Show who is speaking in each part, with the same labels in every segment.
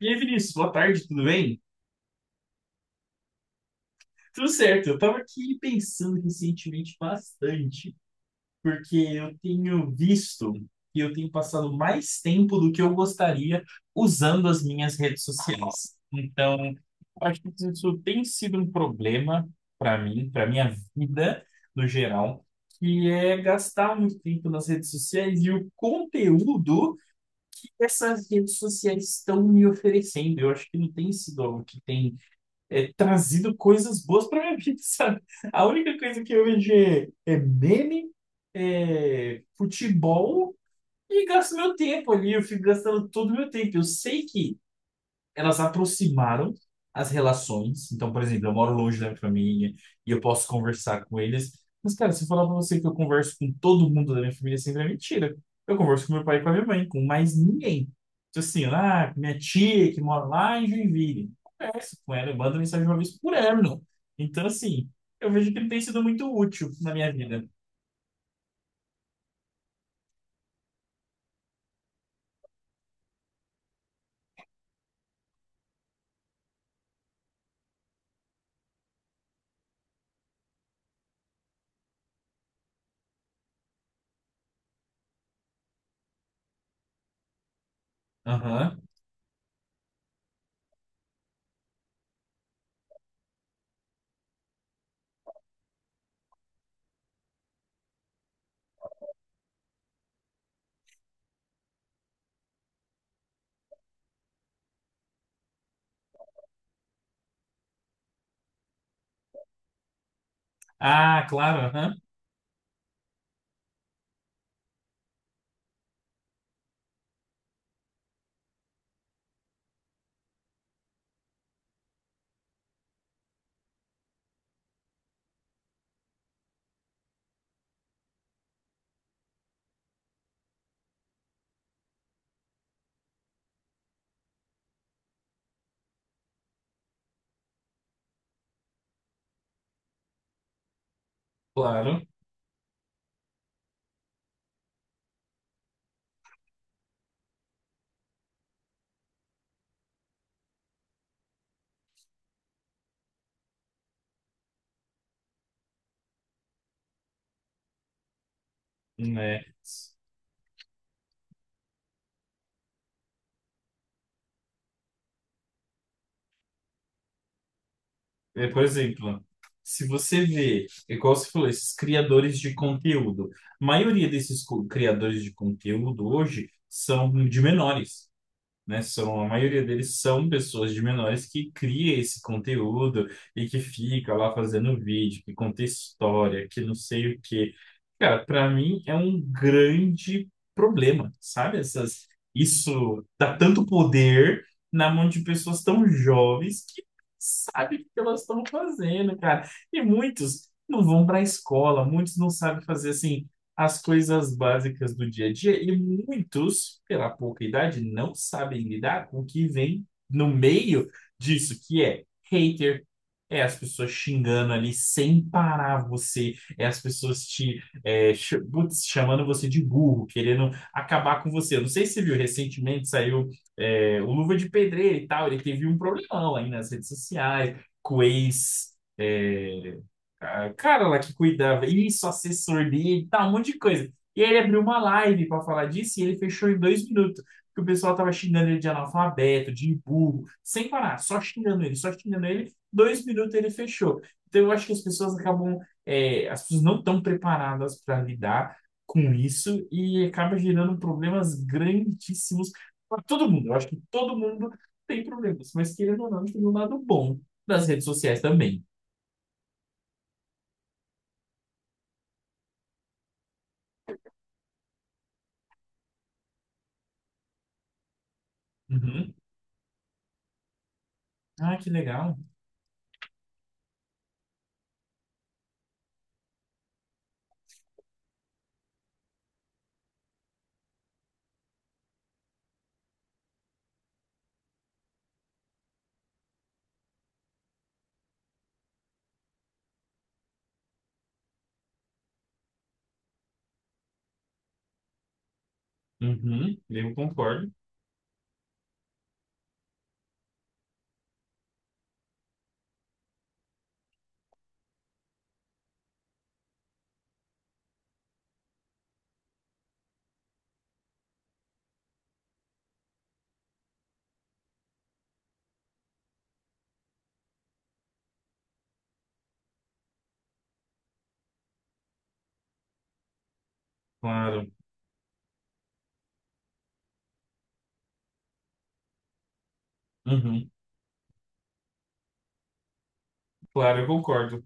Speaker 1: E aí, Vinícius, boa tarde, tudo bem? Tudo certo, eu tava aqui pensando recentemente bastante, porque eu tenho visto que eu tenho passado mais tempo do que eu gostaria usando as minhas redes sociais. Então, eu acho que isso tem sido um problema para mim, para minha vida no geral, que é gastar muito tempo nas redes sociais e o conteúdo que essas redes sociais estão me oferecendo. Eu acho que não tem sido algo que tem trazido coisas boas para minha vida, sabe? A única coisa que eu vejo é meme, é futebol e gasto meu tempo ali. Eu fico gastando todo o meu tempo. Eu sei que elas aproximaram as relações. Então, por exemplo, eu moro longe da minha família e eu posso conversar com eles. Mas, cara, se eu falar pra você que eu converso com todo mundo da minha família, sempre é mentira. Eu converso com meu pai e com a minha mãe, com mais ninguém. Então, assim, ah, minha tia que mora lá em Joinville. Converso com ela, eu mando mensagem uma vez por ano. Então, assim, eu vejo que ele tem sido muito útil na minha vida. Aham. Ah, claro, aham. Claro. Né? É, por exemplo, se você vê, é igual você falou, esses criadores de conteúdo, a maioria desses criadores de conteúdo hoje são de menores, né? São, a maioria deles são pessoas de menores que cria esse conteúdo e que fica lá fazendo vídeo, que conta história, que não sei o quê. Cara, para mim é um grande problema, sabe? Essas, isso dá tanto poder na mão de pessoas tão jovens que sabe o que elas estão fazendo, cara. E muitos não vão para a escola, muitos não sabem fazer assim as coisas básicas do dia a dia e muitos, pela pouca idade, não sabem lidar com o que vem no meio disso, que é hater, é as pessoas xingando ali sem parar você, é as pessoas te putz, chamando você de burro, querendo acabar com você. Eu não sei se você viu, recentemente saiu o Luva de Pedreiro e tal, ele teve um problemão aí nas redes sociais, com o ex. Cara lá que cuidava, isso, assessor dele, tal, um monte de coisa. E aí ele abriu uma live para falar disso e ele fechou em 2 minutos. Porque o pessoal tava xingando ele de analfabeto, de burro, sem parar, só xingando ele, só xingando ele. 2 minutos ele fechou. Então eu acho que as pessoas acabam, as pessoas não estão preparadas para lidar com isso e acaba gerando problemas grandíssimos para todo mundo. Eu acho que todo mundo tem problemas, mas querendo ou não, tem um lado bom das redes sociais também. Uhum. Ah, que legal. Uhum, eu concordo. Claro. Uhum, claro, eu concordo.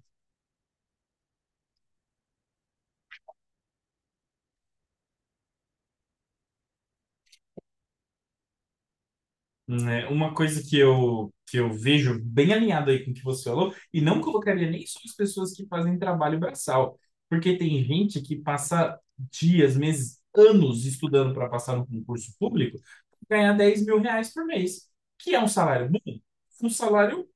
Speaker 1: Né? Uma coisa que eu vejo bem alinhado aí com o que você falou, e não colocaria nem só as pessoas que fazem trabalho braçal, porque tem gente que passa dias, meses, anos estudando para passar no concurso público, ganhar 10 mil reais por mês, que é um salário bom, um salário,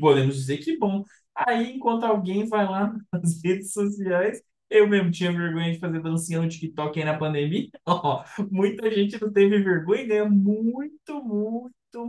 Speaker 1: podemos dizer que bom. Aí, enquanto alguém vai lá nas redes sociais, eu mesmo tinha vergonha de fazer dancinha no TikTok aí na pandemia, ó, muita gente não teve vergonha e ganha muito,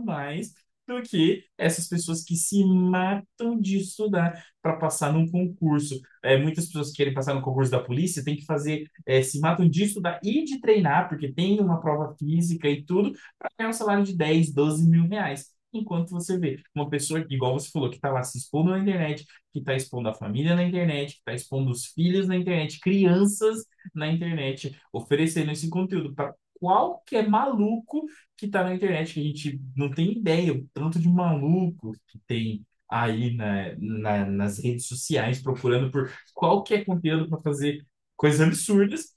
Speaker 1: mais do que essas pessoas que se matam de estudar para passar num concurso. É, muitas pessoas que querem passar no concurso da polícia têm que fazer, é, se matam de estudar e de treinar, porque tem uma prova física e tudo, para ganhar um salário de 10, 12 mil reais. Enquanto você vê uma pessoa, igual você falou, que está lá se expondo na internet, que está expondo a família na internet, que está expondo os filhos na internet, crianças na internet, oferecendo esse conteúdo para qualquer maluco que está na internet, que a gente não tem ideia o tanto de maluco que tem aí nas redes sociais procurando por qualquer conteúdo para fazer coisas absurdas,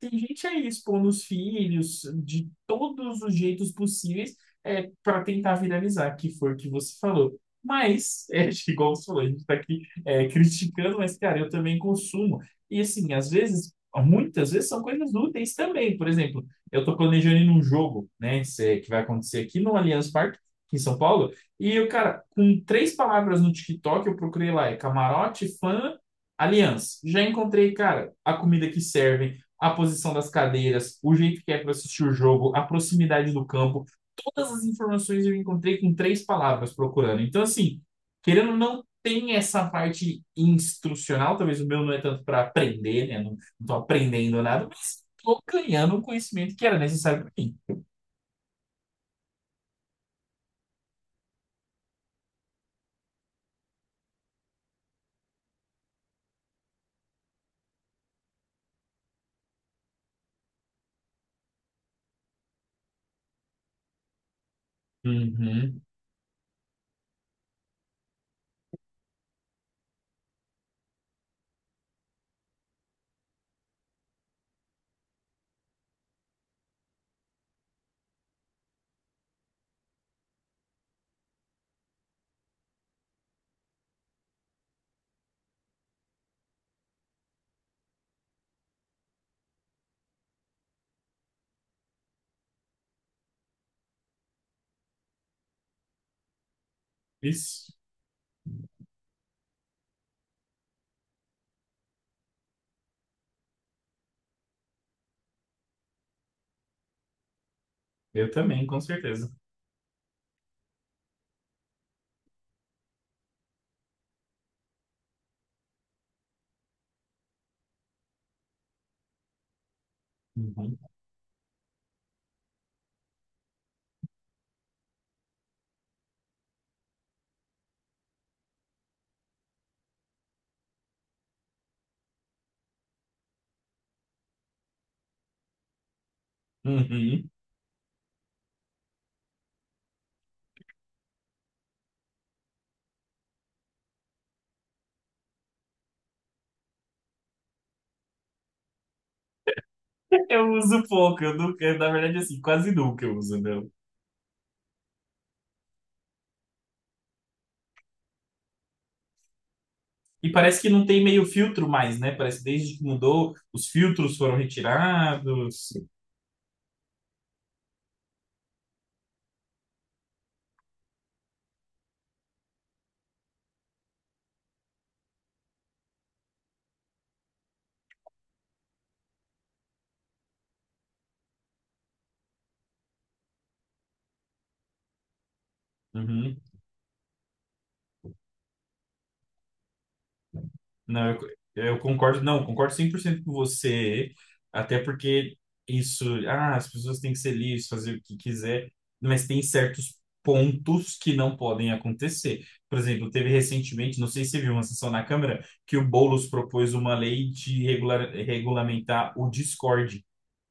Speaker 1: tem gente aí expondo os filhos de todos os jeitos possíveis, é, para tentar viralizar, que foi o que você falou. Mas, acho que igual você falou, a gente está aqui criticando, mas, cara, eu também consumo. E, assim, às vezes, muitas vezes são coisas úteis também. Por exemplo, eu estou planejando ir num jogo, né, que vai acontecer aqui no Allianz Parque, aqui em São Paulo, e eu, cara, com três palavras no TikTok, eu procurei lá, é camarote, fã, Aliança, já encontrei, cara, a comida que servem, a posição das cadeiras, o jeito que é para assistir o jogo, a proximidade do campo. Todas as informações eu encontrei com três palavras procurando. Então, assim, querendo ou não, tem essa parte instrucional. Talvez o meu não é tanto para aprender, né? Não estou aprendendo nada, mas estou ganhando o conhecimento que era necessário para mim. Uhum. Isso. Eu também, com certeza. Uhum. Uhum. Eu uso pouco, eu nunca, na verdade, assim, quase nunca eu uso, né? E parece que não tem meio filtro mais, né? Parece que desde que mudou, os filtros foram retirados. Uhum. Não, eu concordo, não, concordo 100% com você, até porque isso, ah, as pessoas têm que ser livres, fazer o que quiser, mas tem certos pontos que não podem acontecer. Por exemplo, teve recentemente, não sei se você viu uma sessão na Câmara, que o Boulos propôs uma lei de regulamentar o Discord.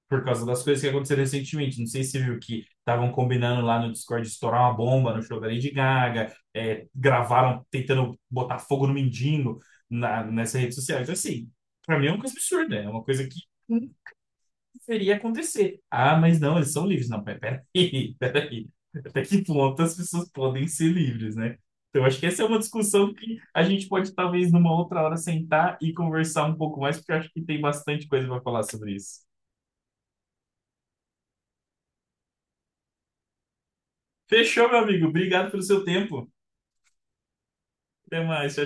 Speaker 1: Por causa das coisas que aconteceram recentemente. Não sei se você viu que estavam combinando lá no Discord estourar uma bomba no show da Lady Gaga, é, gravaram tentando botar fogo no mendigo nessa rede social. Então, assim, pra mim é uma coisa absurda, é uma coisa que não deveria acontecer. Ah, mas não, eles são livres. Não, peraí, peraí. Até que ponto as pessoas podem ser livres, né? Então, acho que essa é uma discussão que a gente pode, talvez, numa outra hora sentar e conversar um pouco mais, porque eu acho que tem bastante coisa para falar sobre isso. Fechou, meu amigo. Obrigado pelo seu tempo. Até mais. Tchau, tchau.